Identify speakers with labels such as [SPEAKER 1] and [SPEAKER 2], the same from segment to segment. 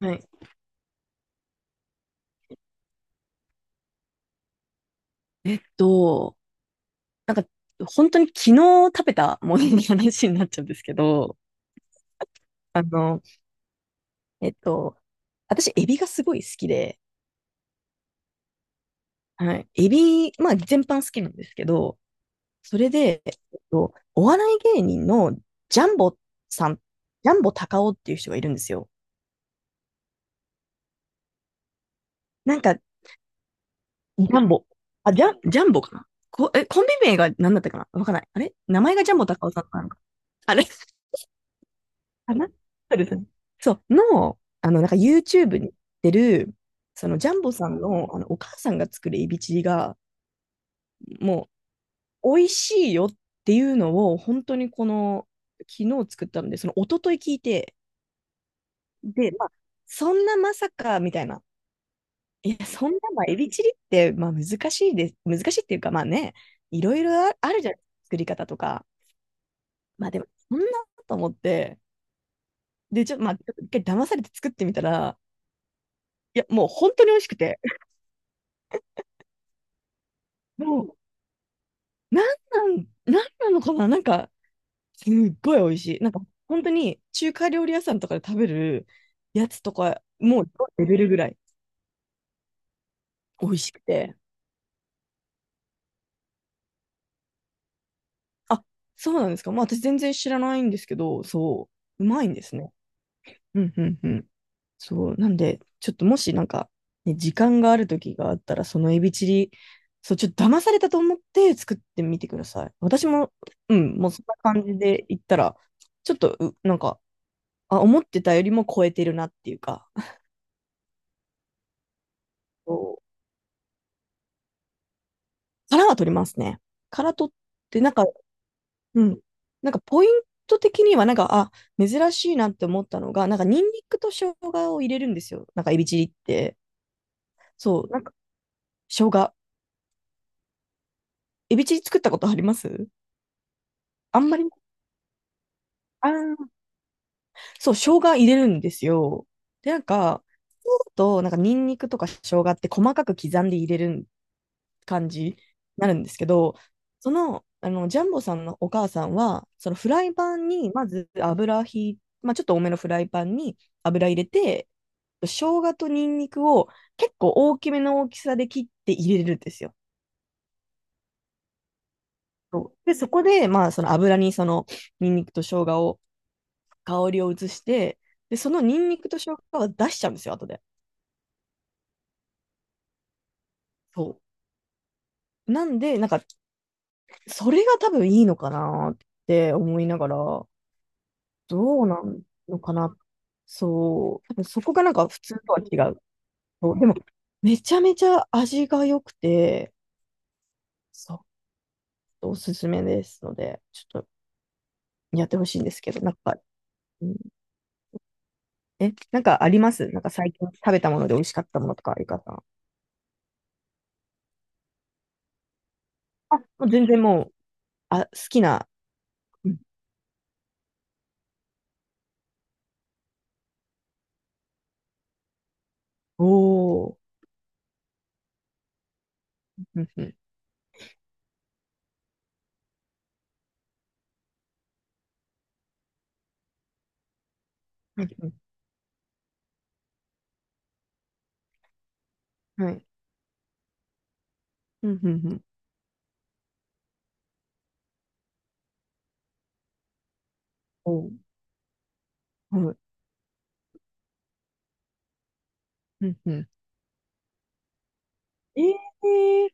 [SPEAKER 1] はい。えっと、なんか、本当に昨日食べたものの話になっちゃうんですけど、あの、えっと、私、エビがすごい好きで。はい。エビ、まあ、全般好きなんですけど、それで、お笑い芸人のジャンボさん、ジャンボ高尾っていう人がいるんですよ。なんか、ジャンボ。ジャンボかな。コンビ名が何だったかな、わかんない。あれ、名前がジャンボ高尾さんなのか。あれかな。そうですね。そう、あの、なんか YouTube に出る、そのジャンボさんの、あのお母さんが作るエビチリが、もう、美味しいよっていうのを、本当にこの、昨日作ったので、その一昨日聞いて、で、まあ、そんなまさか、みたいな。いや、そんな、まあ、エビチリって、まあ、難しいです。難しいっていうか、まあね、いろいろああるじゃない、作り方とか。まあ、でも、そんなと思って、で、ちょっと、まあ、ちょっと一回騙されて作ってみたら、いや、もう本当に美味しくて、もう、なんなん、なんなのかな、なんか、すっごい美味しい。なんか、本当に中華料理屋さんとかで食べるやつとか、もうレベルぐらい美味しくて。あ、そうなんですか。まあ、私全然知らないんですけど、そう、うまいんですね。うん、うん、うん。そう、なんで、ちょっと、もしなんか、ね、時間がある時があったら、そのエビチリ、そう、ちょっと騙されたと思って作ってみてください。私も、うん、もうそんな感じで言ったら、ちょっと、なんか、あ、思ってたよりも超えてるなっていうか、あと殻は取りますね。殻取って、なんか、うん。なんかポイント的には、なんか、あ、珍しいなって思ったのが、なんかニンニクと生姜を入れるんですよ、なんかエビチリって。そう、なんか生姜。エビチリ作ったことあります？あんまり、あーそう、生姜入れるんですよ。で、なんか、そうだと、なんかニンニクとか生姜って細かく刻んで入れるん感じになるんですけど、その、あのジャンボさんのお母さんは、そのフライパンにまず油ひい、まあ、ちょっと多めのフライパンに油入れて、生姜とニンニクを結構大きめの大きさで切って入れるんですよ。そうで、そこで、まあ、その油にそのニンニクと生姜を、香りを移して、で、そのニンニクと生姜は出しちゃうんですよ、後で。そう。なんで、なんか、それが多分いいのかなって思いながら、どうなんのかな。そう。多分そこがなんか普通とは違う。そうでも、めちゃめちゃ味が良くて、そう、おすすめですので、ちょっとやってほしいんですけど、なんか、うん、なんかあります？なんか最近食べたもので美味しかったものとか、ゆかさん。あ、もう全然もう、あ、好きな。うん、おお。うん、うん。はい。うん、うん、うん。おー、はい。うん、うん。ええー、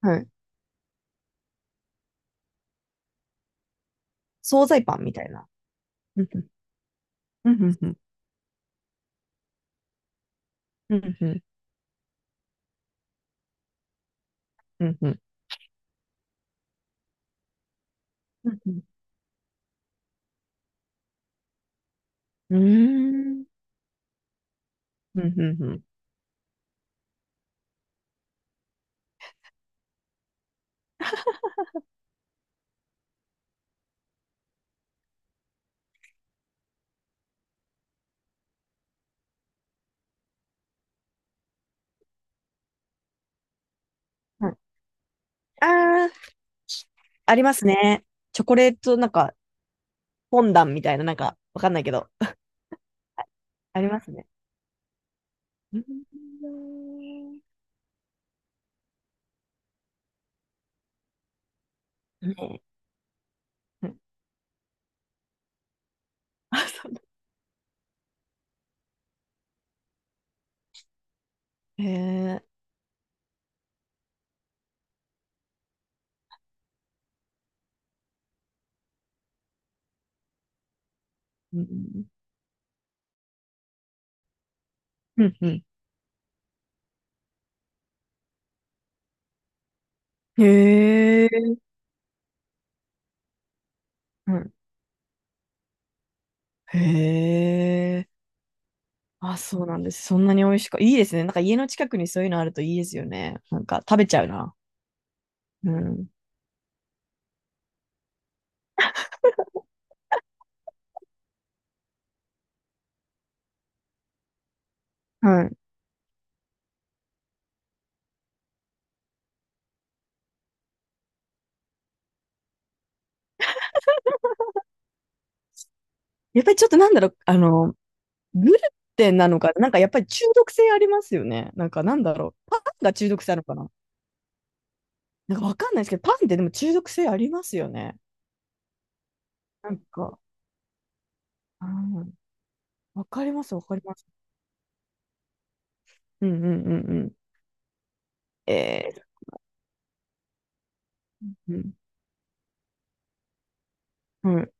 [SPEAKER 1] はい。惣菜パンみたいな。うん、うん。うん、うん、うん。うん、うん、うん、うん。うん、うん。うーん、うん、うん。うん。はい。ああ、ありますね。チョコレート、なんか、フォンダンみたいな、なんか、わかんないけど、ありますね。うん。ね、うん。あ、そうだ。へえ。うん。うん、うん。へえ。うん。へえ。あ、そうなんです。そんなに美味しくいいですね。なんか家の近くにそういうのあるといいですよね。なんか食べちゃうな。うん。はい。やっぱりちょっとなんだろう、あのグルテンなのか、なんかやっぱり中毒性ありますよね。なんか、なんだろう。パンが中毒性あるのかな？なんかわかんないですけど、パンってでも中毒性ありますよね。なんか、うん、わかります、わかります。うん、うん、うん、うん。えー、うん、うん。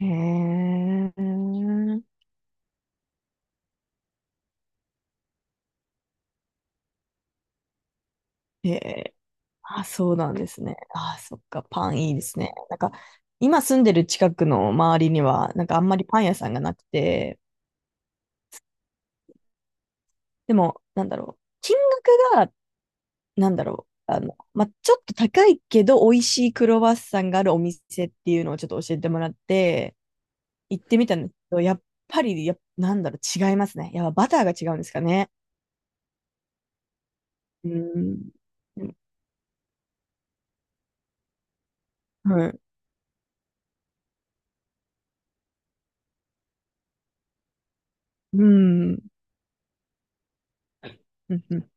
[SPEAKER 1] へえ、へ、あ、そうなんですね。あ、そっか、パンいいですね。なんか、今住んでる近くの周りには、なんかあんまりパン屋さんがなくて、でも、なんだろう。金額、なんだろう、あの、まあ、ちょっと高いけど美味しいクロワッサンがあるお店っていうのをちょっと教えてもらって、行ってみたんですけど、やっぱり、や、なんだろう、違いますね。やっぱバターが違うんですかね。うん。はい。うん。うん、うん。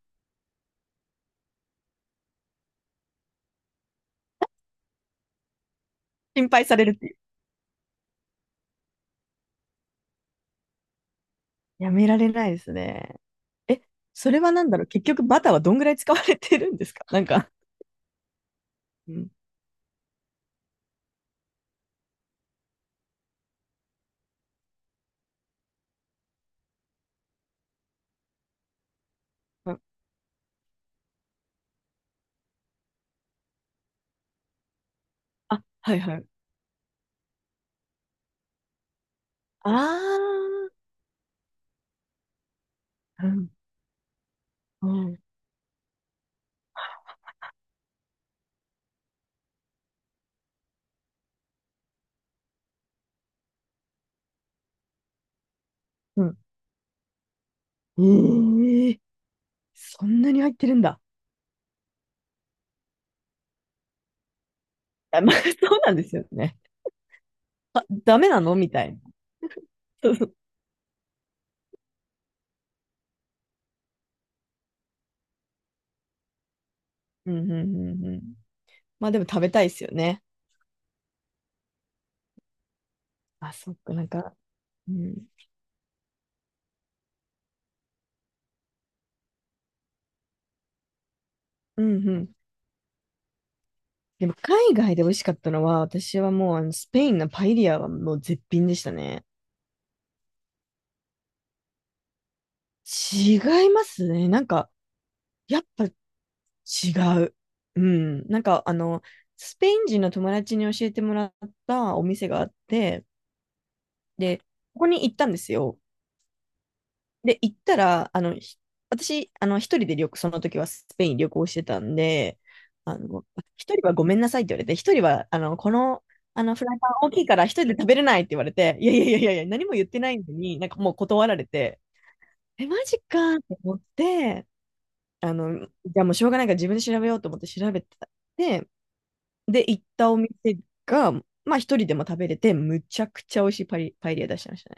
[SPEAKER 1] 心配されるっていう。やめられないですね。え、それはなんだろう、結局バターはどんぐらい使われてるんですか、なんか。うん。うん、あ、はいはい。ああ。うん。うん。うん。ええ、そんなに入ってるんだ。あ、まあ、そうなんですよね。ダメなのみたいな。そう、そう、うん、うん、うん、うん。まあでも食べたいですよね。あ、そっか、なんか、うん、うん、うん。でも海外で美味しかったのは、私はもうあのスペインのパエリアはもう絶品でしたね。違いますね。なんか、やっぱ違う。うん。なんか、あの、スペイン人の友達に教えてもらったお店があって、で、ここに行ったんですよ。で、行ったら、あの、私、あの、一人で旅行、その時はスペイン旅行してたんで、あの、一人はごめんなさいって言われて、一人は、あの、この、あの、フライパン大きいから一人で食べれないって言われて、いやいやいやいやいや、何も言ってないのに、なんかもう断られて、マジかって思って、あの、じゃあもうしょうがないから自分で調べようと思って調べてた。で、で、行ったお店が、まあ一人でも食べれて、むちゃくちゃ美味しいパエリア出してましたね。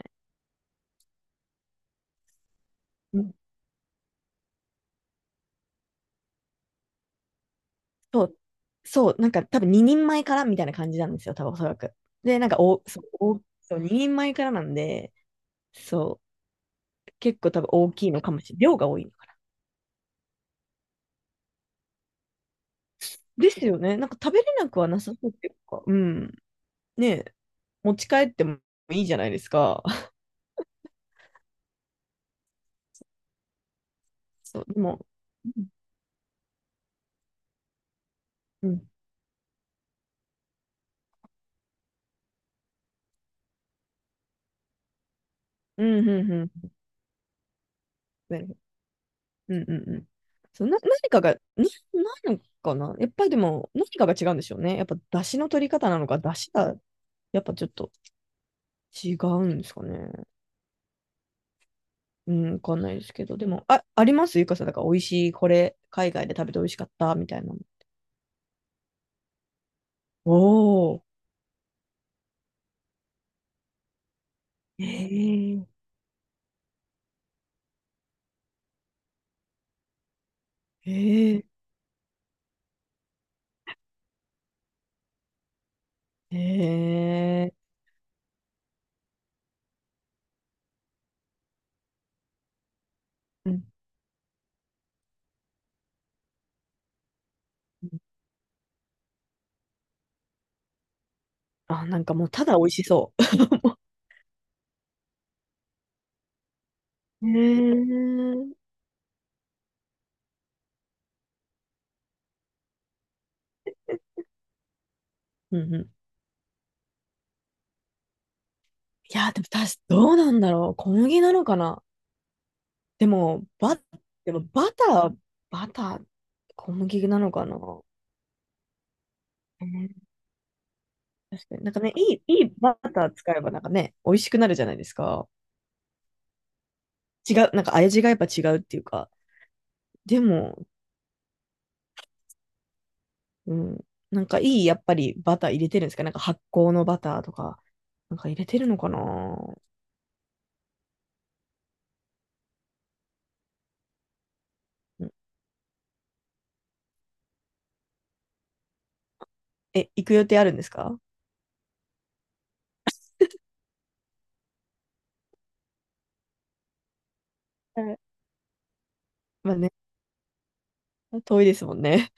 [SPEAKER 1] そう、そう、なんか多分2人前からみたいな感じなんですよ、多分おそらく。で、なんか、お、そう、お、そう、2人前からなんで、そう、結構多分大きいのかもしれない。量が多いのかな。ですよね。なんか食べれなくはなさそうっていうか、うん。ねえ、持ち帰ってもいいじゃないですか。そう、でも、うん、うん、うん、うん、うん、なるほど、うん、うん、うん。そう、何かが、ないのかな。やっぱりでも、何かが違うんでしょうね。やっぱ、出汁の取り方なのか、出汁が、やっぱちょっと違うんですかね。うん、わかんないですけど、でも、あ、ありますゆかさん、だから美味しい、これ、海外で食べて美味しかった、みたいなの。おー、ええ、ええ、ええ、うん、うん、あ、なんかもう、ただ美味しそう。ええ、うん、うん。いや、でも、どうなんだろう。小麦なのかな。でも、でも、バター、小麦なのかな。ええ、確かに。なんかね、いいバター使えば、なんかね、美味しくなるじゃないですか。違う、なんか味がやっぱ違うっていうか。でも、うん、なんかいい、やっぱりバター入れてるんですか？なんか発酵のバターとか、なんか入れてるのかな？うん、行く予定あるんですか？はい、まあね、遠いですもんね。